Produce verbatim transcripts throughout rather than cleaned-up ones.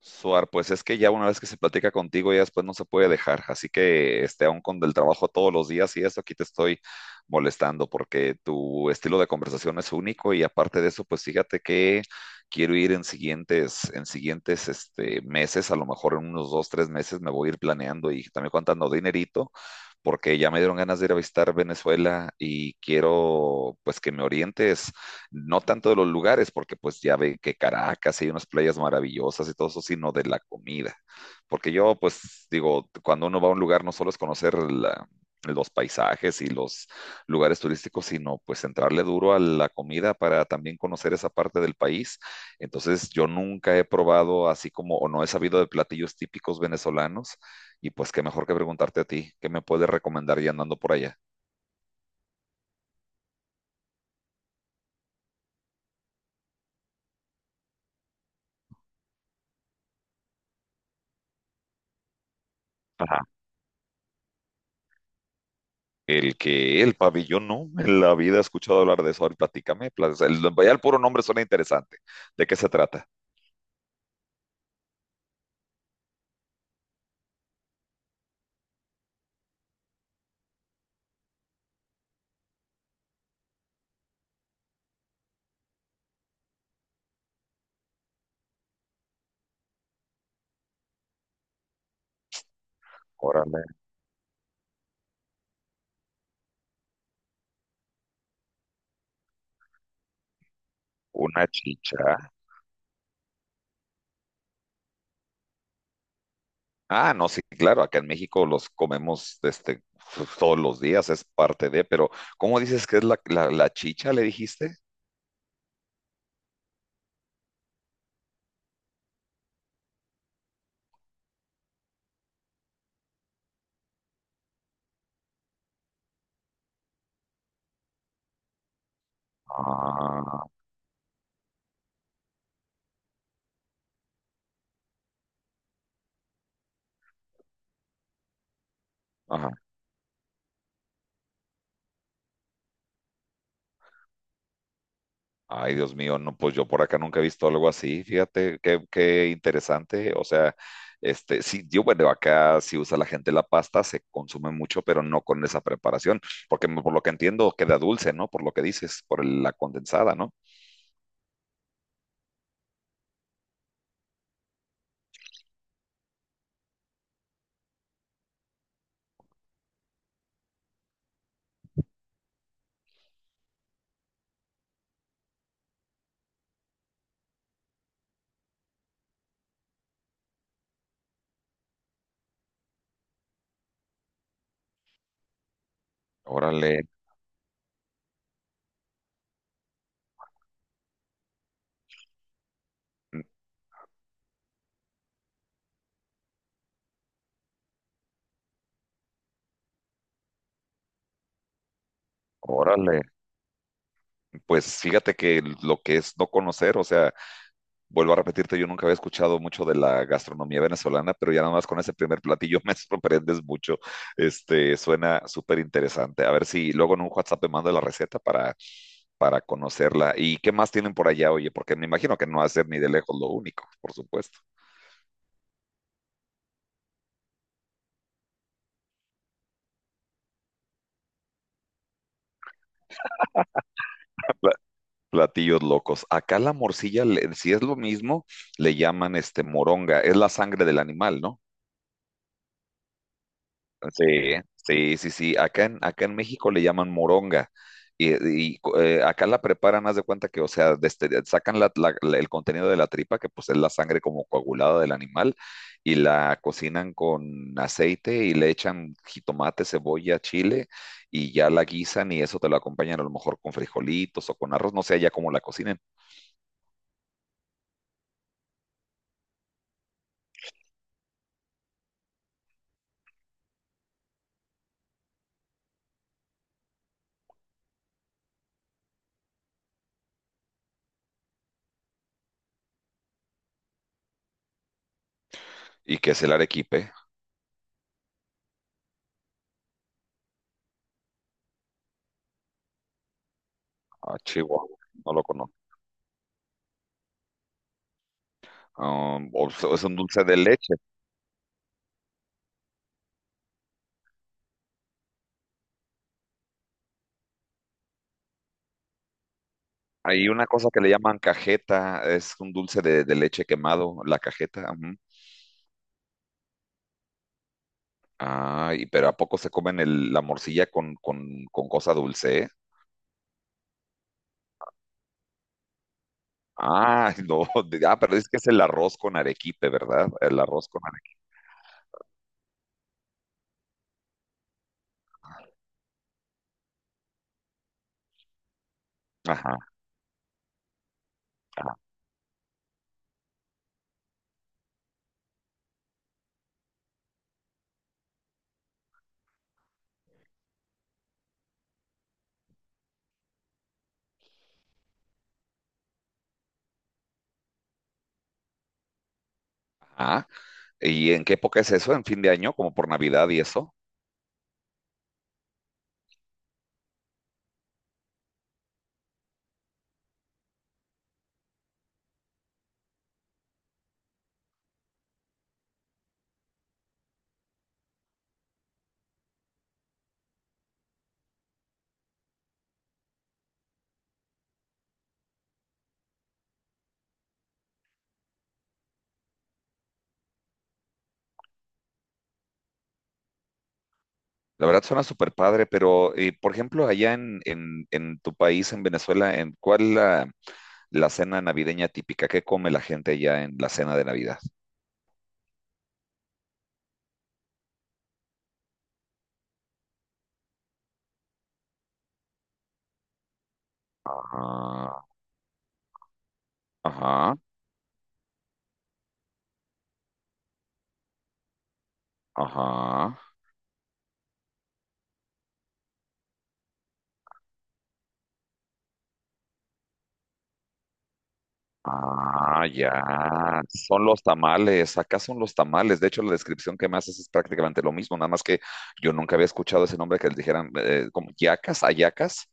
Suar, pues es que ya una vez que se platica contigo, ya después no se puede dejar. Así que, este, aún con el trabajo todos los días y eso, aquí te estoy molestando porque tu estilo de conversación es único y aparte de eso, pues fíjate que quiero ir en siguientes, en siguientes, este, meses, a lo mejor en unos dos, tres meses me voy a ir planeando y también contando dinerito porque ya me dieron ganas de ir a visitar Venezuela y quiero, pues, que me orientes no tanto de los lugares, porque pues ya ve que Caracas hay unas playas maravillosas y todo eso, sino de la comida. Porque yo pues digo, cuando uno va a un lugar no solo es conocer la, los paisajes y los lugares turísticos, sino pues entrarle duro a la comida para también conocer esa parte del país. Entonces yo nunca he probado así como, o no he sabido de platillos típicos venezolanos, y pues qué mejor que preguntarte a ti, ¿qué me puedes recomendar ya andando por allá? El que, el pabellón, no, en la vida he escuchado hablar de eso. Ahora platícame, plas- el, ya el puro nombre suena interesante. ¿De qué se trata? Órale, una chicha. Ah, no, sí, claro, acá en México los comemos este, todos los días, es parte de, pero ¿cómo dices que es la, la, la chicha, le dijiste? Ah, ajá. Ay, Dios mío, no, pues yo por acá nunca he visto algo así, fíjate, qué, qué interesante. O sea, este, sí, yo, bueno, acá sí usa la gente la pasta, se consume mucho, pero no con esa preparación, porque por lo que entiendo queda dulce, ¿no? Por lo que dices, por el- la condensada, ¿no? Órale, mm, órale. Pues fíjate que lo que es no conocer, o sea, vuelvo a repetirte, yo nunca había escuchado mucho de la gastronomía venezolana, pero ya nada más con ese primer platillo me sorprendes mucho. Este, suena súper interesante. A ver si luego en un WhatsApp me mando la receta para, para conocerla. ¿Y qué más tienen por allá, oye? Porque me imagino que no va a ser ni de lejos lo único, por supuesto. Pla- Platillos locos. Acá la morcilla, le- si es lo mismo, le llaman este moronga. Es la sangre del animal, ¿no? Sí, sí, sí, sí. Acá en, acá en México le llaman moronga. Y, y, co- eh, acá la preparan, haz de cuenta que, o sea, desde- sacan la- la- la- el contenido de la tripa, que pues es la sangre como coagulada del animal, y la cocinan con aceite y le echan jitomate, cebolla, chile, y ya la guisan y eso te lo acompañan a lo mejor con frijolitos o con arroz, no sé ya cómo la cocinen. ¿Y que es el arequipe? Ah, Chihuahua, no lo conozco. Ah, o sea, es un dulce de leche. Hay una cosa que le llaman cajeta, es un dulce de, de leche quemado, la cajeta. Ujú. Ah, y pero ¿a poco se comen el- la morcilla con, con, con cosa dulce? ¿Eh? Ah, no, de- ah, pero es que es el arroz con arequipe, ¿verdad? El arroz con arequipe. Ajá, ajá, ajá. ¿Y en qué época es eso? ¿En fin de año? ¿Como por Navidad y eso? La verdad suena súper padre, pero eh, por ejemplo, allá en, en, en tu país, en Venezuela, ¿en cuál es la, la cena navideña típica? ¿Qué come la gente allá en la cena de Navidad? Ajá. Ajá, ajá. Ah, ya. Son los tamales. Acá son los tamales. De hecho, la descripción que me haces es prácticamente lo mismo, nada más que yo nunca había escuchado ese nombre que les dijeran eh, como yacas, ayacas.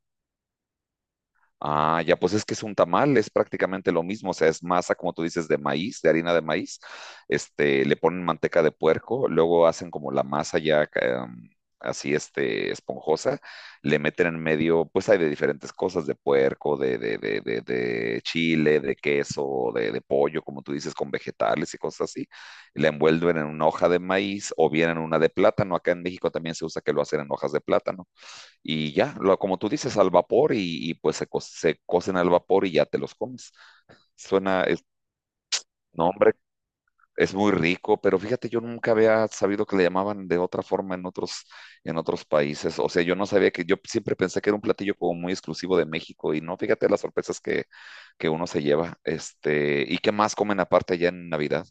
Ah, ya, pues es que es un tamal, es prácticamente lo mismo, o sea, es masa, como tú dices, de maíz, de harina de maíz, este, le ponen manteca de puerco, luego hacen como la masa ya ca- em, así, este, esponjosa, le meten en medio, pues hay de diferentes cosas, de puerco, de, de, de, de, de chile, de queso, de, de pollo, como tú dices, con vegetales y cosas así, la envuelven en una hoja de maíz o bien en una de plátano, acá en México también se usa que lo hacen en hojas de plátano y ya, lo- como tú dices, al vapor y, y, pues se, co- se cocen al vapor y ya te los comes. Suena, es, no, hombre, es muy rico, pero fíjate, yo nunca había sabido que le llamaban de otra forma en otros, en otros países. O sea, yo no sabía que, yo siempre pensé que era un platillo como muy exclusivo de México y no, fíjate las sorpresas que, que uno se lleva. Este, ¿y qué más comen aparte allá en Navidad?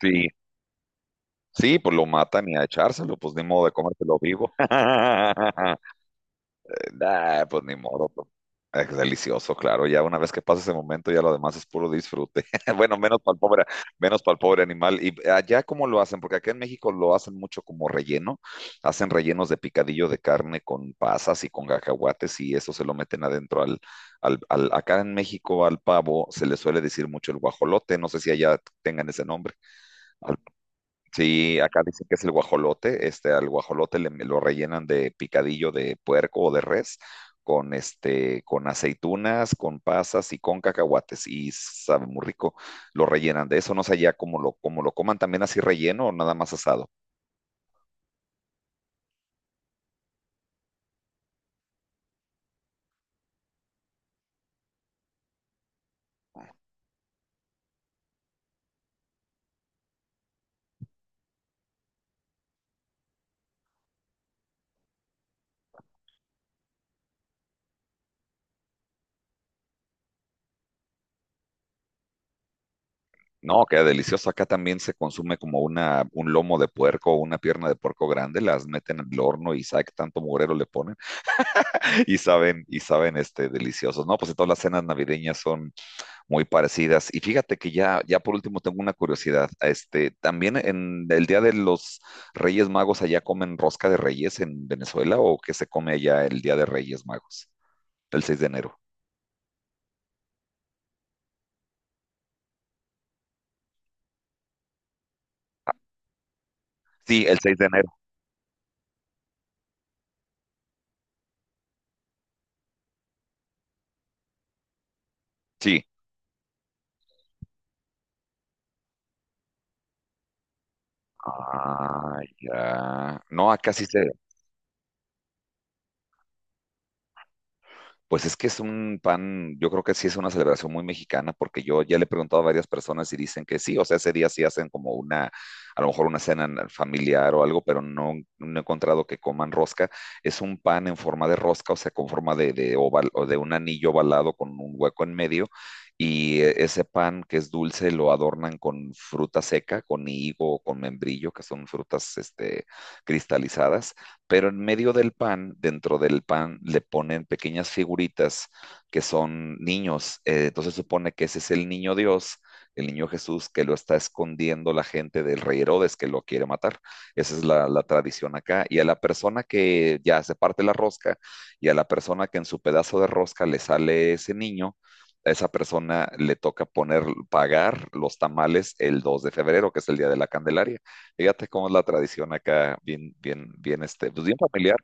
Sí. Sí, pues lo matan y a echárselo, pues ni modo de comértelo vivo. Nah, pues ni modo. Pues. Es delicioso, claro. Ya una vez que pasa ese momento, ya lo demás es puro disfrute. Bueno, menos para el pobre, menos para el pobre animal. ¿Y allá cómo lo hacen? Porque acá en México lo hacen mucho como relleno. Hacen rellenos de picadillo de carne con pasas y con cacahuates y eso se lo meten adentro al, al, al- acá en México al pavo se le suele decir mucho el guajolote. No sé si allá tengan ese nombre. Sí, acá dicen que es el guajolote. Este, al guajolote le, lo rellenan de picadillo de puerco o de res, con este, con aceitunas, con pasas y con cacahuates. Y sabe muy rico. Lo rellenan de eso. No sé ya cómo lo, cómo lo coman también así relleno o nada más asado. No, queda delicioso. Acá también se consume como una, un lomo de puerco o una pierna de puerco grande. Las meten al horno y sabe qué tanto mugrero le ponen. Y saben, y saben, este, deliciosos. No, pues todas las cenas navideñas son muy parecidas. Y fíjate que ya, ya por último tengo una curiosidad. Este, también en el Día de los Reyes Magos, ¿allá comen rosca de reyes en Venezuela o qué se come allá el Día de Reyes Magos? El seis de enero. Sí, el seis de enero. Sí. Ah, ya. No, acá sí se, pues es que es un pan, yo creo que sí es una celebración muy mexicana, porque yo ya le he preguntado a varias personas y dicen que sí, o sea, ese día sí hacen como una, a lo mejor una cena na- familiar o algo, pero no, no he encontrado que coman rosca. Es un pan en forma de rosca, o sea, con forma de, de oval o de un anillo ovalado con un hueco en medio, y eh, ese pan que es dulce lo adornan con fruta seca, con higo, con membrillo, que son frutas, este, cristalizadas pero en medio del pan, dentro del pan, le ponen pequeñas figuritas que son niños. Eh, entonces supone que ese es el niño Dios, el niño Jesús, que lo está escondiendo la gente del rey Herodes, que lo quiere matar. Esa es la, la tradición acá. Y a la persona que ya se parte la rosca, y a la persona que en su pedazo de rosca le sale ese niño, a esa persona le toca poner, pagar los tamales el dos de febrero, que es el día de la Candelaria. Fíjate cómo es la tradición acá, bien, bien, bien, este, pues bien familiar.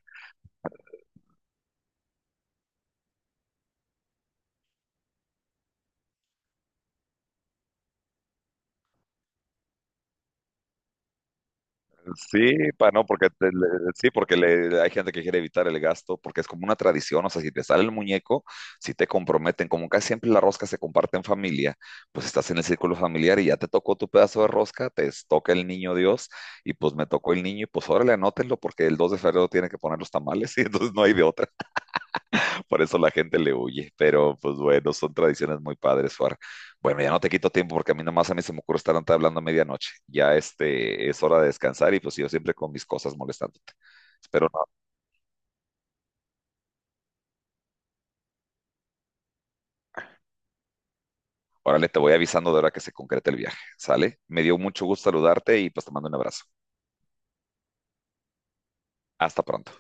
Sí, pa, no, porque te- le- sí, porque le- hay gente que quiere evitar el gasto, porque es como una tradición, o sea, si te sale el muñeco, si te comprometen, como casi siempre la rosca se comparte en familia, pues estás en el círculo familiar y ya te tocó tu pedazo de rosca, te toca el niño Dios, y pues me tocó el niño, y pues órale, anótenlo, porque el dos de febrero tiene que poner los tamales, y entonces no hay de otra. Por eso la gente le huye, pero pues bueno, son tradiciones muy padres, Suar. Bueno, ya no te quito tiempo porque a mí nomás a mí se me ocurre estar hablando a medianoche. Ya este es hora de descansar y pues yo siempre con mis cosas molestándote. Espero no. Órale, te voy avisando de hora que se concrete el viaje, ¿sale? Me dio mucho gusto saludarte y pues te mando un abrazo. Hasta pronto.